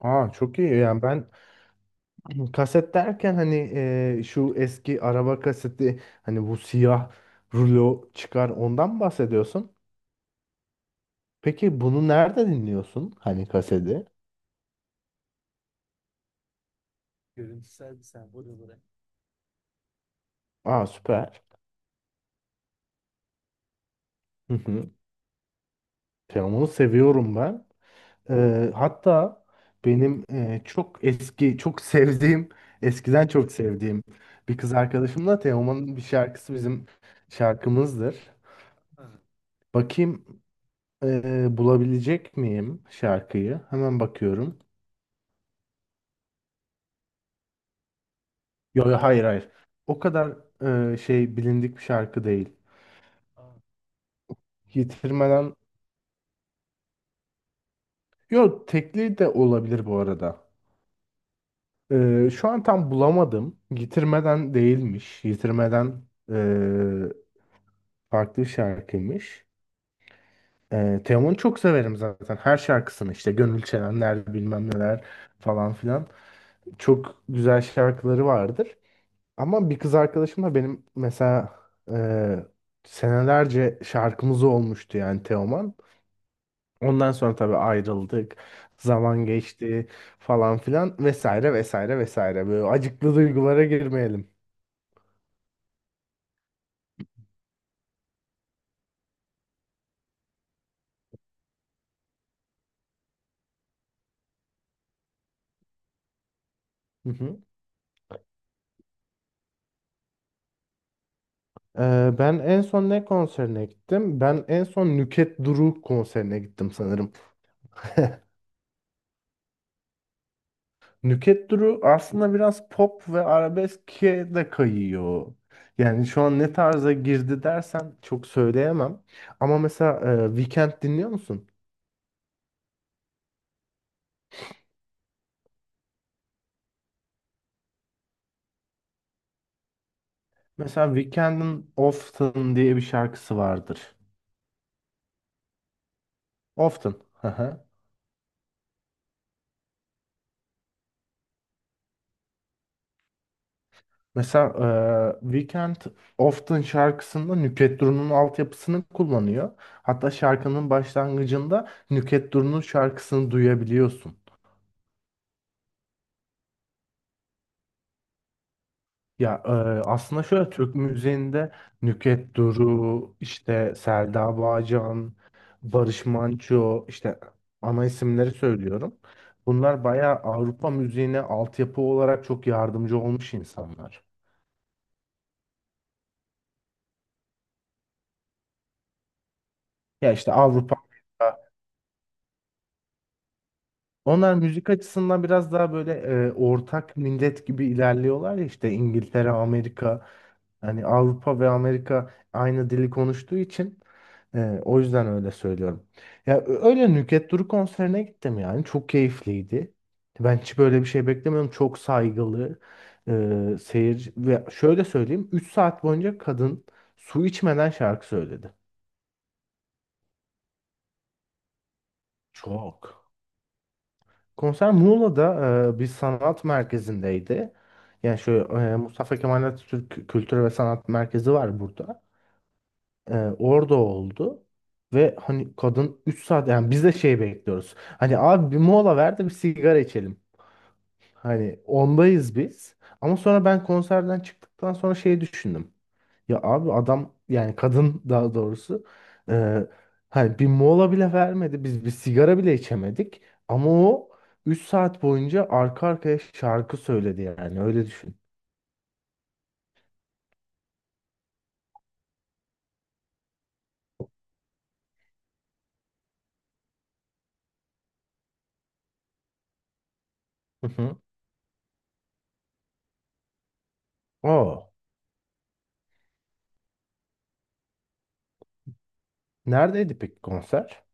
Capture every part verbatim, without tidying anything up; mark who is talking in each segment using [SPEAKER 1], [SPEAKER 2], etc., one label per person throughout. [SPEAKER 1] Aa, çok iyi yani ben kaset derken hani e, şu eski araba kaseti hani bu siyah rulo çıkar, ondan mı bahsediyorsun? Peki bunu nerede dinliyorsun, hani kaseti? Görüntüleri. Aa, süper. Hı hı. Teoman'ı seviyorum ben. Ee, hatta benim e, çok eski, çok sevdiğim, eskiden çok sevdiğim bir kız arkadaşımla Teoman'ın bir şarkısı bizim şarkımızdır. Bakayım. Ee, bulabilecek miyim şarkıyı? Hemen bakıyorum. Yo, yo, hayır, hayır. O kadar e, şey, bilindik bir şarkı değil. Aa, getirmeden... Yo, tekli de olabilir bu arada. Ee, şu an tam bulamadım. Getirmeden değilmiş. Getirmeden e, farklı bir şarkıymış. Ee, Teoman'ı çok severim zaten. Her şarkısını, işte Gönül Çelenler, bilmem neler falan filan. Çok güzel şarkıları vardır. Ama bir kız arkadaşım da benim mesela e, senelerce şarkımız olmuştu yani Teoman. Ondan sonra tabii ayrıldık. Zaman geçti falan filan, vesaire, vesaire, vesaire. Böyle acıklı duygulara girmeyelim. Hı hı. Ee, ben en son ne konserine gittim? Ben en son Nüket Duru konserine gittim sanırım. Nüket Duru aslında biraz pop ve arabeske de kayıyor. Yani şu an ne tarza girdi dersen çok söyleyemem. Ama mesela, e, Weekend dinliyor musun? Mesela Weekend'in Often diye bir şarkısı vardır. Often. Mesela eee Weekend, Often şarkısında Nükhet Duru'nun altyapısını kullanıyor. Hatta şarkının başlangıcında Nükhet Duru'nun şarkısını duyabiliyorsun. Ya eee, aslında şöyle, Türk müziğinde Nükhet Duru, işte Selda Bağcan, Barış Manço, işte ana isimleri söylüyorum. Bunlar bayağı Avrupa müziğine altyapı olarak çok yardımcı olmuş insanlar. Ya işte Avrupa... Onlar müzik açısından biraz daha böyle e, ortak millet gibi ilerliyorlar ya, işte İngiltere, Amerika, hani Avrupa ve Amerika aynı dili konuştuğu için e, o yüzden öyle söylüyorum. Ya ö- öyle, Nükhet Duru konserine gittim yani, çok keyifliydi. Ben hiç böyle bir şey beklemiyordum. Çok saygılı e, seyirci, ve şöyle söyleyeyim, üç saat boyunca kadın su içmeden şarkı söyledi. Çok. Konser Muğla'da, e, bir sanat merkezindeydi. Yani şu e, Mustafa Kemal Atatürk Kültür ve Sanat Merkezi var burada. E, Orada oldu. Ve hani, kadın üç saat, yani biz de şey bekliyoruz. Hani abi, bir mola ver de bir sigara içelim. Hani ondayız biz. Ama sonra ben konserden çıktıktan sonra şey düşündüm. Ya abi, adam, yani kadın daha doğrusu, e, hani bir mola bile vermedi. Biz bir sigara bile içemedik. Ama o üç saat boyunca arka arkaya şarkı söyledi yani, öyle düşün. Hı hı. Oo. Neredeydi peki konser?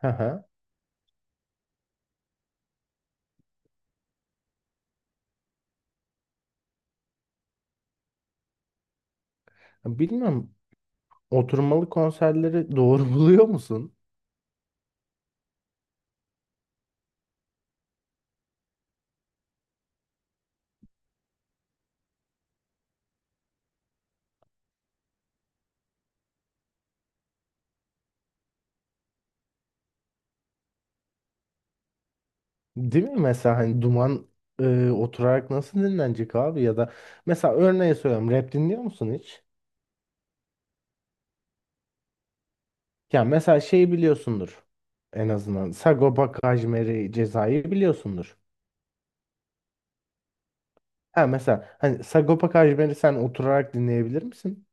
[SPEAKER 1] Hı hı. Bilmiyorum. Oturmalı konserleri doğru buluyor musun? Değil mi? Mesela hani duman e, oturarak nasıl dinlenecek abi, ya da mesela örneğe söylüyorum, rap dinliyor musun hiç? Ya mesela şeyi biliyorsundur, en azından Sagopa Kajmer'i, Ceza'yı biliyorsundur. Ha, mesela hani Sagopa Kajmer'i sen oturarak dinleyebilir misin?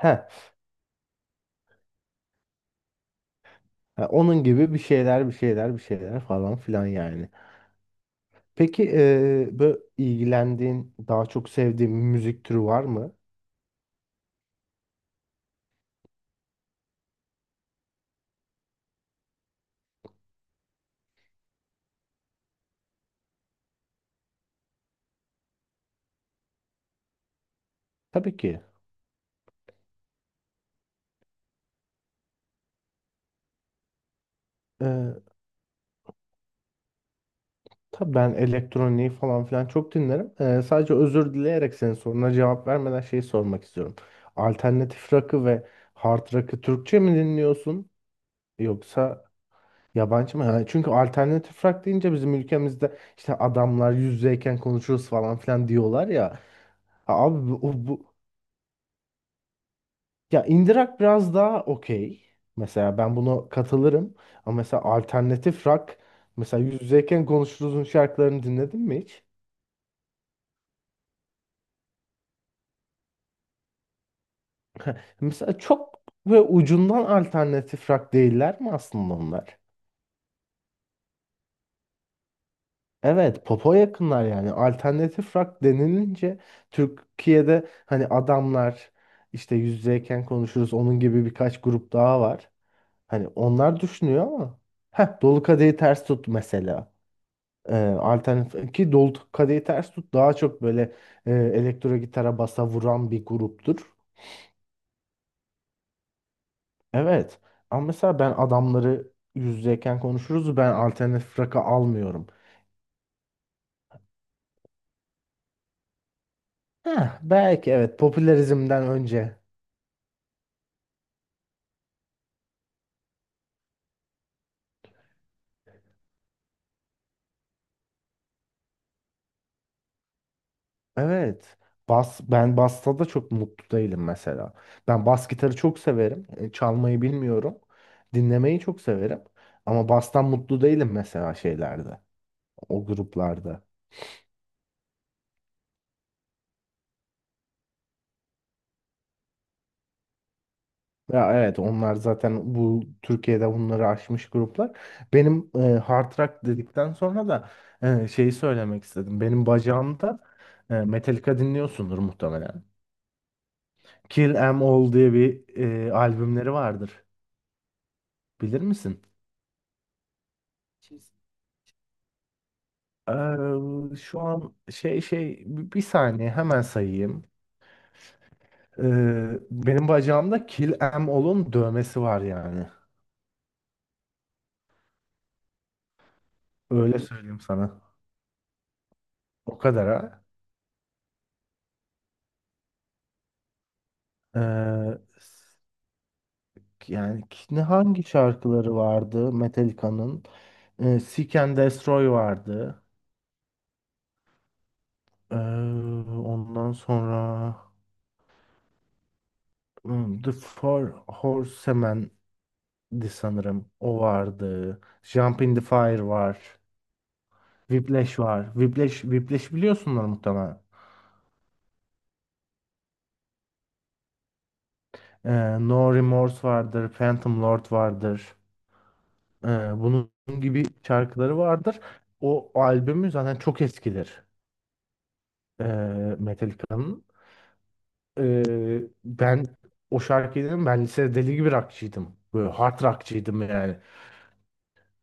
[SPEAKER 1] Ha, ha, onun gibi bir şeyler, bir şeyler, bir şeyler falan filan yani. Peki, e, böyle ilgilendiğin, daha çok sevdiğin bir müzik türü var mı? Tabii ki. Tabii ben elektroniği falan filan çok dinlerim. Ee, sadece özür dileyerek, senin soruna cevap vermeden şeyi sormak istiyorum. Alternatif rock'ı ve hard rock'ı Türkçe mi dinliyorsun, yoksa yabancı mı? Yani çünkü alternatif rock deyince bizim ülkemizde işte adamlar yüz yüzeyken konuşuruz falan filan diyorlar ya. Ha abi, bu, o- bu ya, indie rock biraz daha okey. Mesela ben buna katılırım. Ama mesela alternatif rock, mesela yüz yüzeyken konuşuruzun şarkılarını dinledin mi hiç? Mesela çok ve ucundan alternatif rock değiller mi aslında onlar? Evet, popa yakınlar yani. Alternatif rock denilince Türkiye'de hani adamlar, işte yüz yüzeyken konuşuruz, onun gibi birkaç grup daha var. Hani onlar düşünüyor ama, heh, Dolu Kadehi Ters Tut mesela. Ee, alternatif ki, Dolu Kadehi Ters Tut daha çok böyle e, elektro gitara basa vuran bir gruptur. Evet. Ama mesela ben adamları, yüz yüzeyken konuşuruz, ben alternatif rock'ı almıyorum. Heh, belki evet, popülerizmden önce. Evet. Bas, ben basta da çok mutlu değilim mesela. Ben bas gitarı çok severim. E, Çalmayı bilmiyorum. Dinlemeyi çok severim. Ama bastan mutlu değilim mesela şeylerde. O gruplarda. Ya evet, onlar zaten bu Türkiye'de bunları aşmış gruplar. Benim e, hard rock dedikten sonra da e, şeyi söylemek istedim. Benim bacağımda e, Metallica dinliyorsundur muhtemelen. Kill 'Em All diye bir e, albümleri vardır. Bilir misin? Eee, Şu an şey şey bi- bir saniye, hemen sayayım. Eee, benim bacağımda Kill 'Em All'un dövmesi var yani. Öyle söyleyeyim sana. O kadar ha. E, Yani ki- ne, hangi şarkıları vardı Metallica'nın? Ee, Seek and Destroy vardı. Ee, Ondan sonra, hmm, The Four Horsemen'di sanırım. O vardı. Jump in the Fire var. Whiplash var. Whiplash, Whiplash biliyorsunlar muhtemelen. Ee, No Remorse vardır. Phantom Lord vardır. Ee, Bunun gibi şarkıları vardır. O albümü zaten çok eskidir. Ee, Metallica'nın. Ee, ben o şarkıyı dedim, ben lisede deli gibi rockçıydım. Böyle hard rockçıydım yani.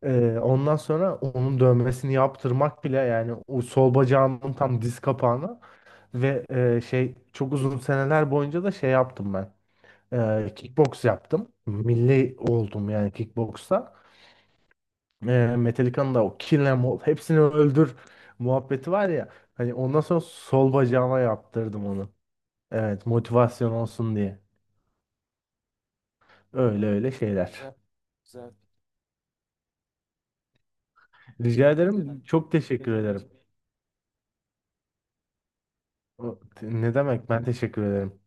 [SPEAKER 1] Ee, ondan sonra onun dövmesini yaptırmak bile, yani o sol bacağımın tam diz kapağına, ve e, şey, çok uzun seneler boyunca da şey yaptım ben. Ee, kickbox yaptım. Milli oldum yani kickboxta. Ee, Metallica'nın da o Kill 'Em All, hepsini öldür muhabbeti var ya. Hani ondan sonra sol bacağıma yaptırdım onu. Evet, motivasyon olsun diye. Öyle öyle şeyler. Rica ederim. Çok teşekkür ederim. O- Ne demek? Ben teşekkür ederim.